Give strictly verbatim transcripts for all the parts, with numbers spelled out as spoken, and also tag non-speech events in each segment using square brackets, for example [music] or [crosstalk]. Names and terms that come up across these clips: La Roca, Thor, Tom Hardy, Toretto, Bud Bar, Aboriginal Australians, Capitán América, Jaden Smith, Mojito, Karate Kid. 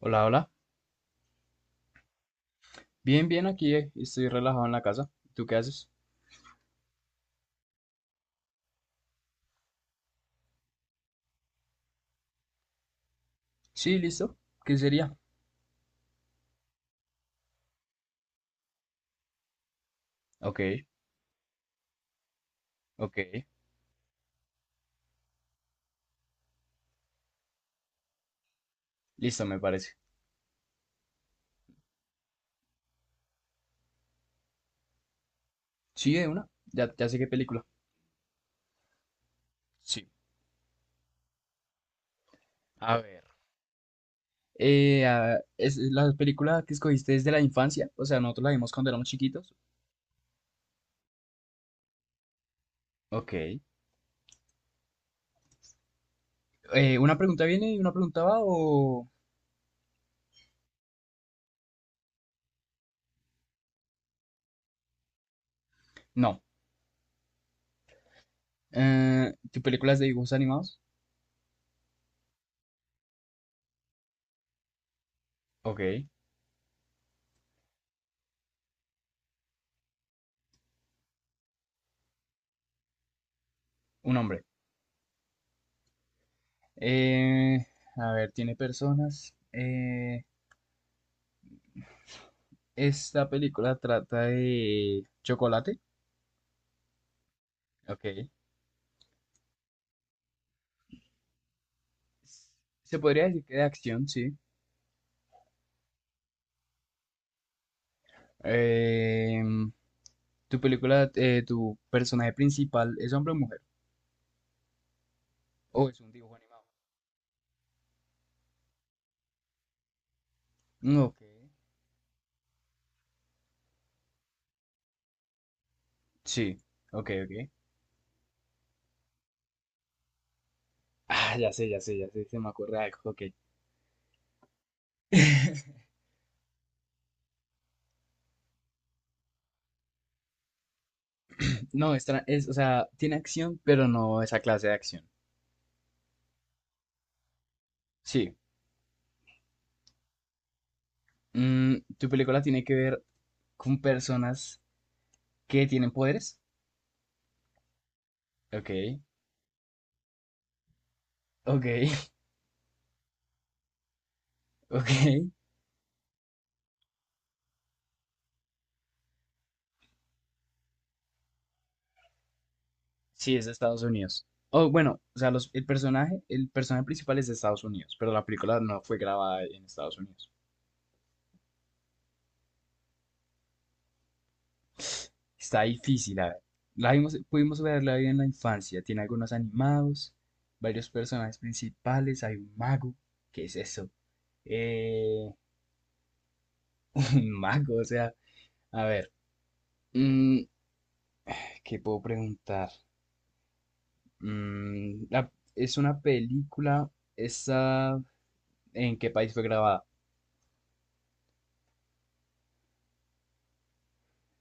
Hola, hola. Bien, bien, aquí eh, estoy relajado en la casa. ¿Tú qué haces? Sí, listo. ¿Qué sería? Ok, ok. Listo, me parece. Sí, de una. Ya, ya sé qué película. Sí. A ver. Eh, ah, ¿es la película que escogiste desde la infancia? O sea, nosotros la vimos cuando éramos chiquitos. Ok. Eh, ¿una pregunta viene y una pregunta va o...? No. Eh, ¿tu película es de dibujos animados? Ok. Un hombre. Eh, a ver, ¿tiene personas? Eh... Esta película trata de chocolate. Ok. Se podría decir que de acción, sí. Em, tu película, eh, tu personaje principal, ¿es hombre o mujer? ¿O es un dibujo animado? Mm, ok. Sí. Ok, ok. Ah, ya sé, ya sé, ya sé. Se me ocurre algo. Ok. [laughs] No, es, tra- es, o sea, tiene acción, pero no esa clase de acción. Sí. Mm, tu película tiene que ver con personas que tienen poderes. Ok. Ok. [laughs] Ok. Sí, es de Estados Unidos. Oh, bueno, o sea, los- el personaje, el personaje principal es de Estados Unidos, pero la película no fue grabada en Estados Unidos. Está difícil, a ver. La vimos, pudimos verla en la infancia. Tiene algunos animados, varios personajes principales, hay un mago. ¿Qué es eso? Eh, [laughs] un mago, o sea, a ver. mm, ¿qué puedo preguntar? Mm, la- es una película, esa, ¿en qué país fue grabada?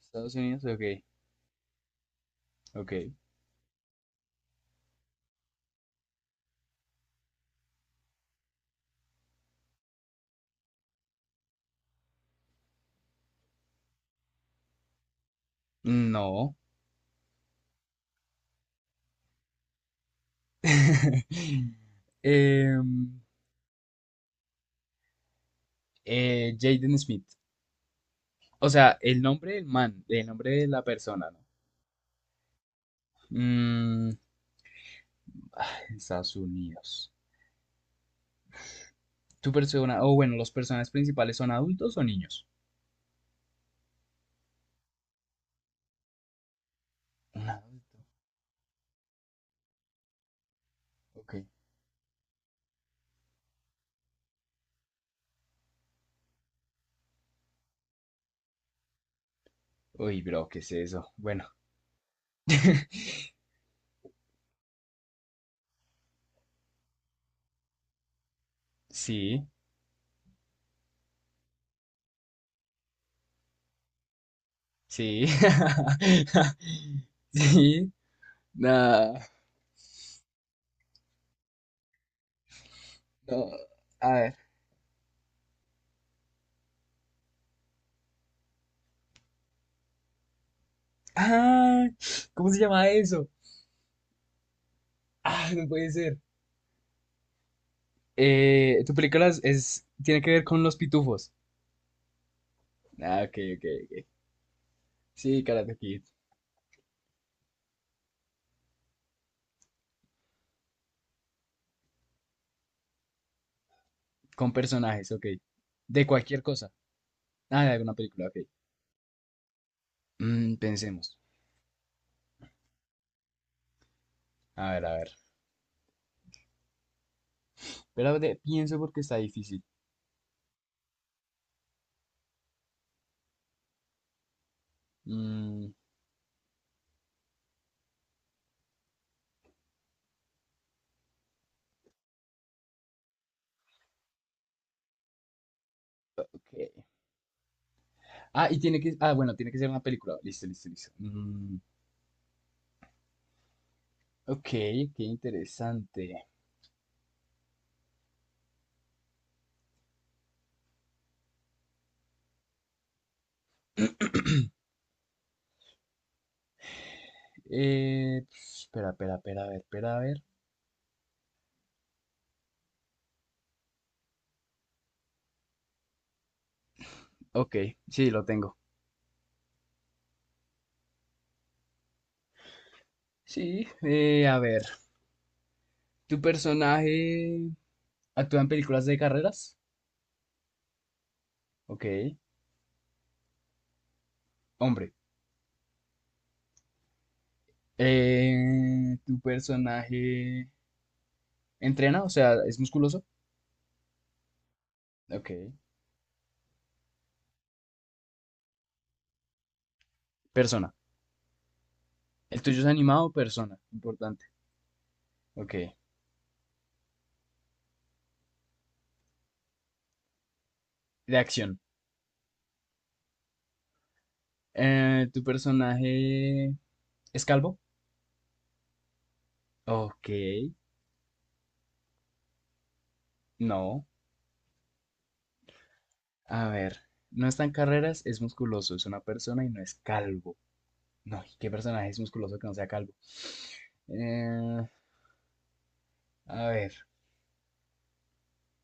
Estados Unidos, ok, ok. No. [laughs] Em, eh, Jaden Smith. O sea, el nombre del man, el nombre de la persona, ¿no? Mm, ah, en Estados Unidos. Tu persona, o bueno, los personajes principales son adultos o niños. Un adulto, ok. Uy, bro, ¿qué es eso? Bueno, [laughs] sí, sí. [laughs] Sí, nada. No, a ver. Ah, ¿cómo se llama eso? Ah, no puede ser. Eh, tu película es, es- tiene que ver con los pitufos. Ah, ok, ok, ok. Sí, Karate Kid. Con personajes, ok. De cualquier cosa. Ah, de alguna película, ok. Mm, pensemos. A ver, a ver. Pero de- pienso porque está difícil. Mm, ok. Ah, y tiene que... Ah, bueno, tiene que ser una película. Listo, listo, listo. Mm, ok, qué interesante. Eh, espera, espera, espera, a ver, espera, a ver. Ok, sí, lo tengo. Sí, eh, a ver. Tu personaje... ¿Actúa en películas de carreras? Ok. Hombre. Eh, ¿tu personaje entrena? O sea, ¿es musculoso? Ok. Persona. ¿El tuyo es animado o persona? Importante. Ok. De acción. Eh, ¿tu personaje es calvo? Ok. No. A ver. No está en carreras, es musculoso, es una persona y no es calvo. No, ¿y ¿qué personaje es musculoso que no sea calvo? Eh, a ver.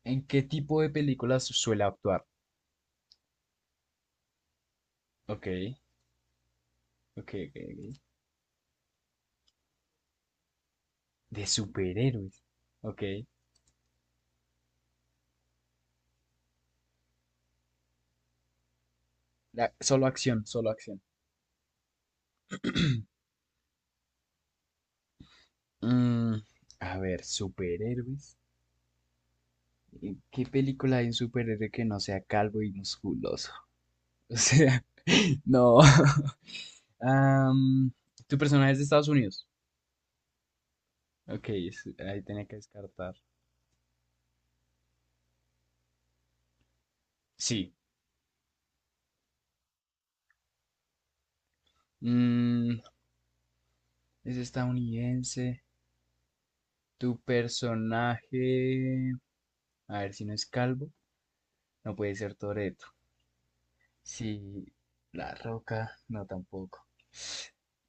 ¿En qué tipo de películas suele actuar? Ok. Ok, ok, ok. De superhéroes. Ok. La- solo acción, solo acción. Mm, a ver, superhéroes. ¿Y ¿Qué película hay un superhéroe que no sea calvo y musculoso? [laughs] O sea, [laughs] no. [laughs] Am, ¿tu personaje es de Estados Unidos? Ok, es- ahí tenía que descartar. Sí. Mm, es estadounidense. Tu personaje... A ver si no es calvo. No puede ser Toretto. Sí, La Roca, no tampoco.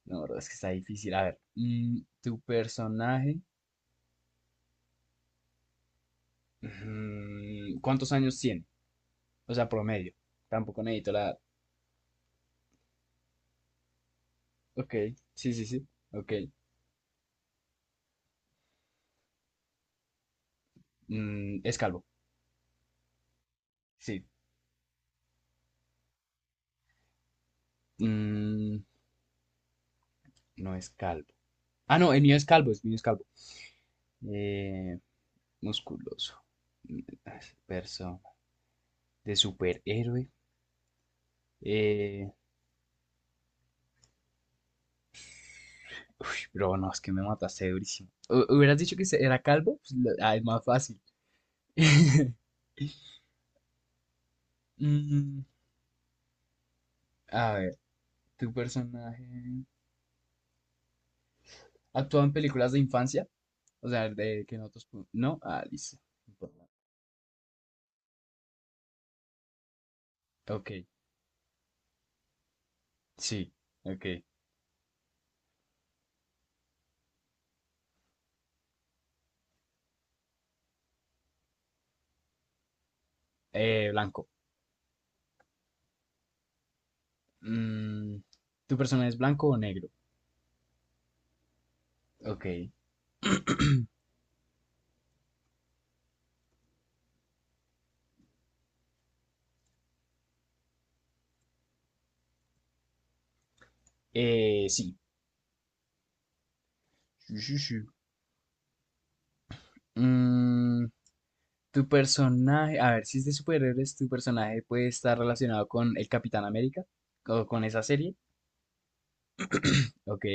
No, bro, es que está difícil. A ver, mm, tu personaje, mm, ¿cuántos años tiene? O sea, promedio. Tampoco necesito la... edad. Ok, sí, sí, sí. Ok. Mm, es calvo. Sí. Mm, no es calvo. Ah, no, el mío es calvo, el mío es calvo. Eh, musculoso. Mm, persona. De superhéroe. Eh, Pero no, es que me mataste durísimo. Hu- Hubieras dicho que se- era calvo, pues lo- ah, es más fácil. [laughs] Mm, a ver, ¿tu personaje actúa en películas de infancia? O sea, de que nosotros... pu- No, ah, listo. Ok, sí, ok. Eh, blanco. Mm, ¿tu personaje es blanco o negro? Ok. Eh, sí. Sí, sí, sí. Mm, tu personaje, a ver, si es de superhéroes, tu personaje puede estar relacionado con el Capitán América o con esa serie. Ok.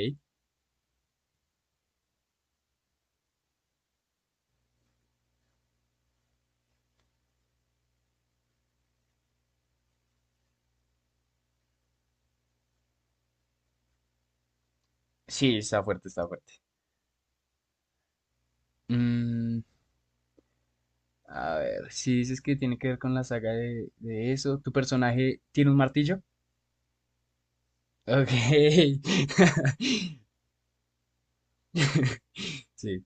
Sí, está fuerte, está fuerte. Mm, a ver, si dices que tiene que ver con la saga de, de eso, ¿tu personaje tiene un martillo? Ok. [laughs] Sí.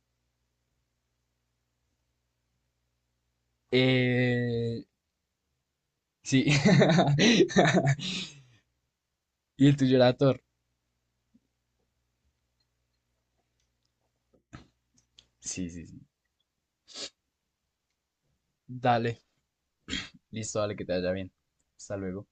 Eh, sí. [laughs] Y el tuyo era Thor. Sí, sí, sí. Dale. Listo, dale, que te vaya bien. Hasta luego.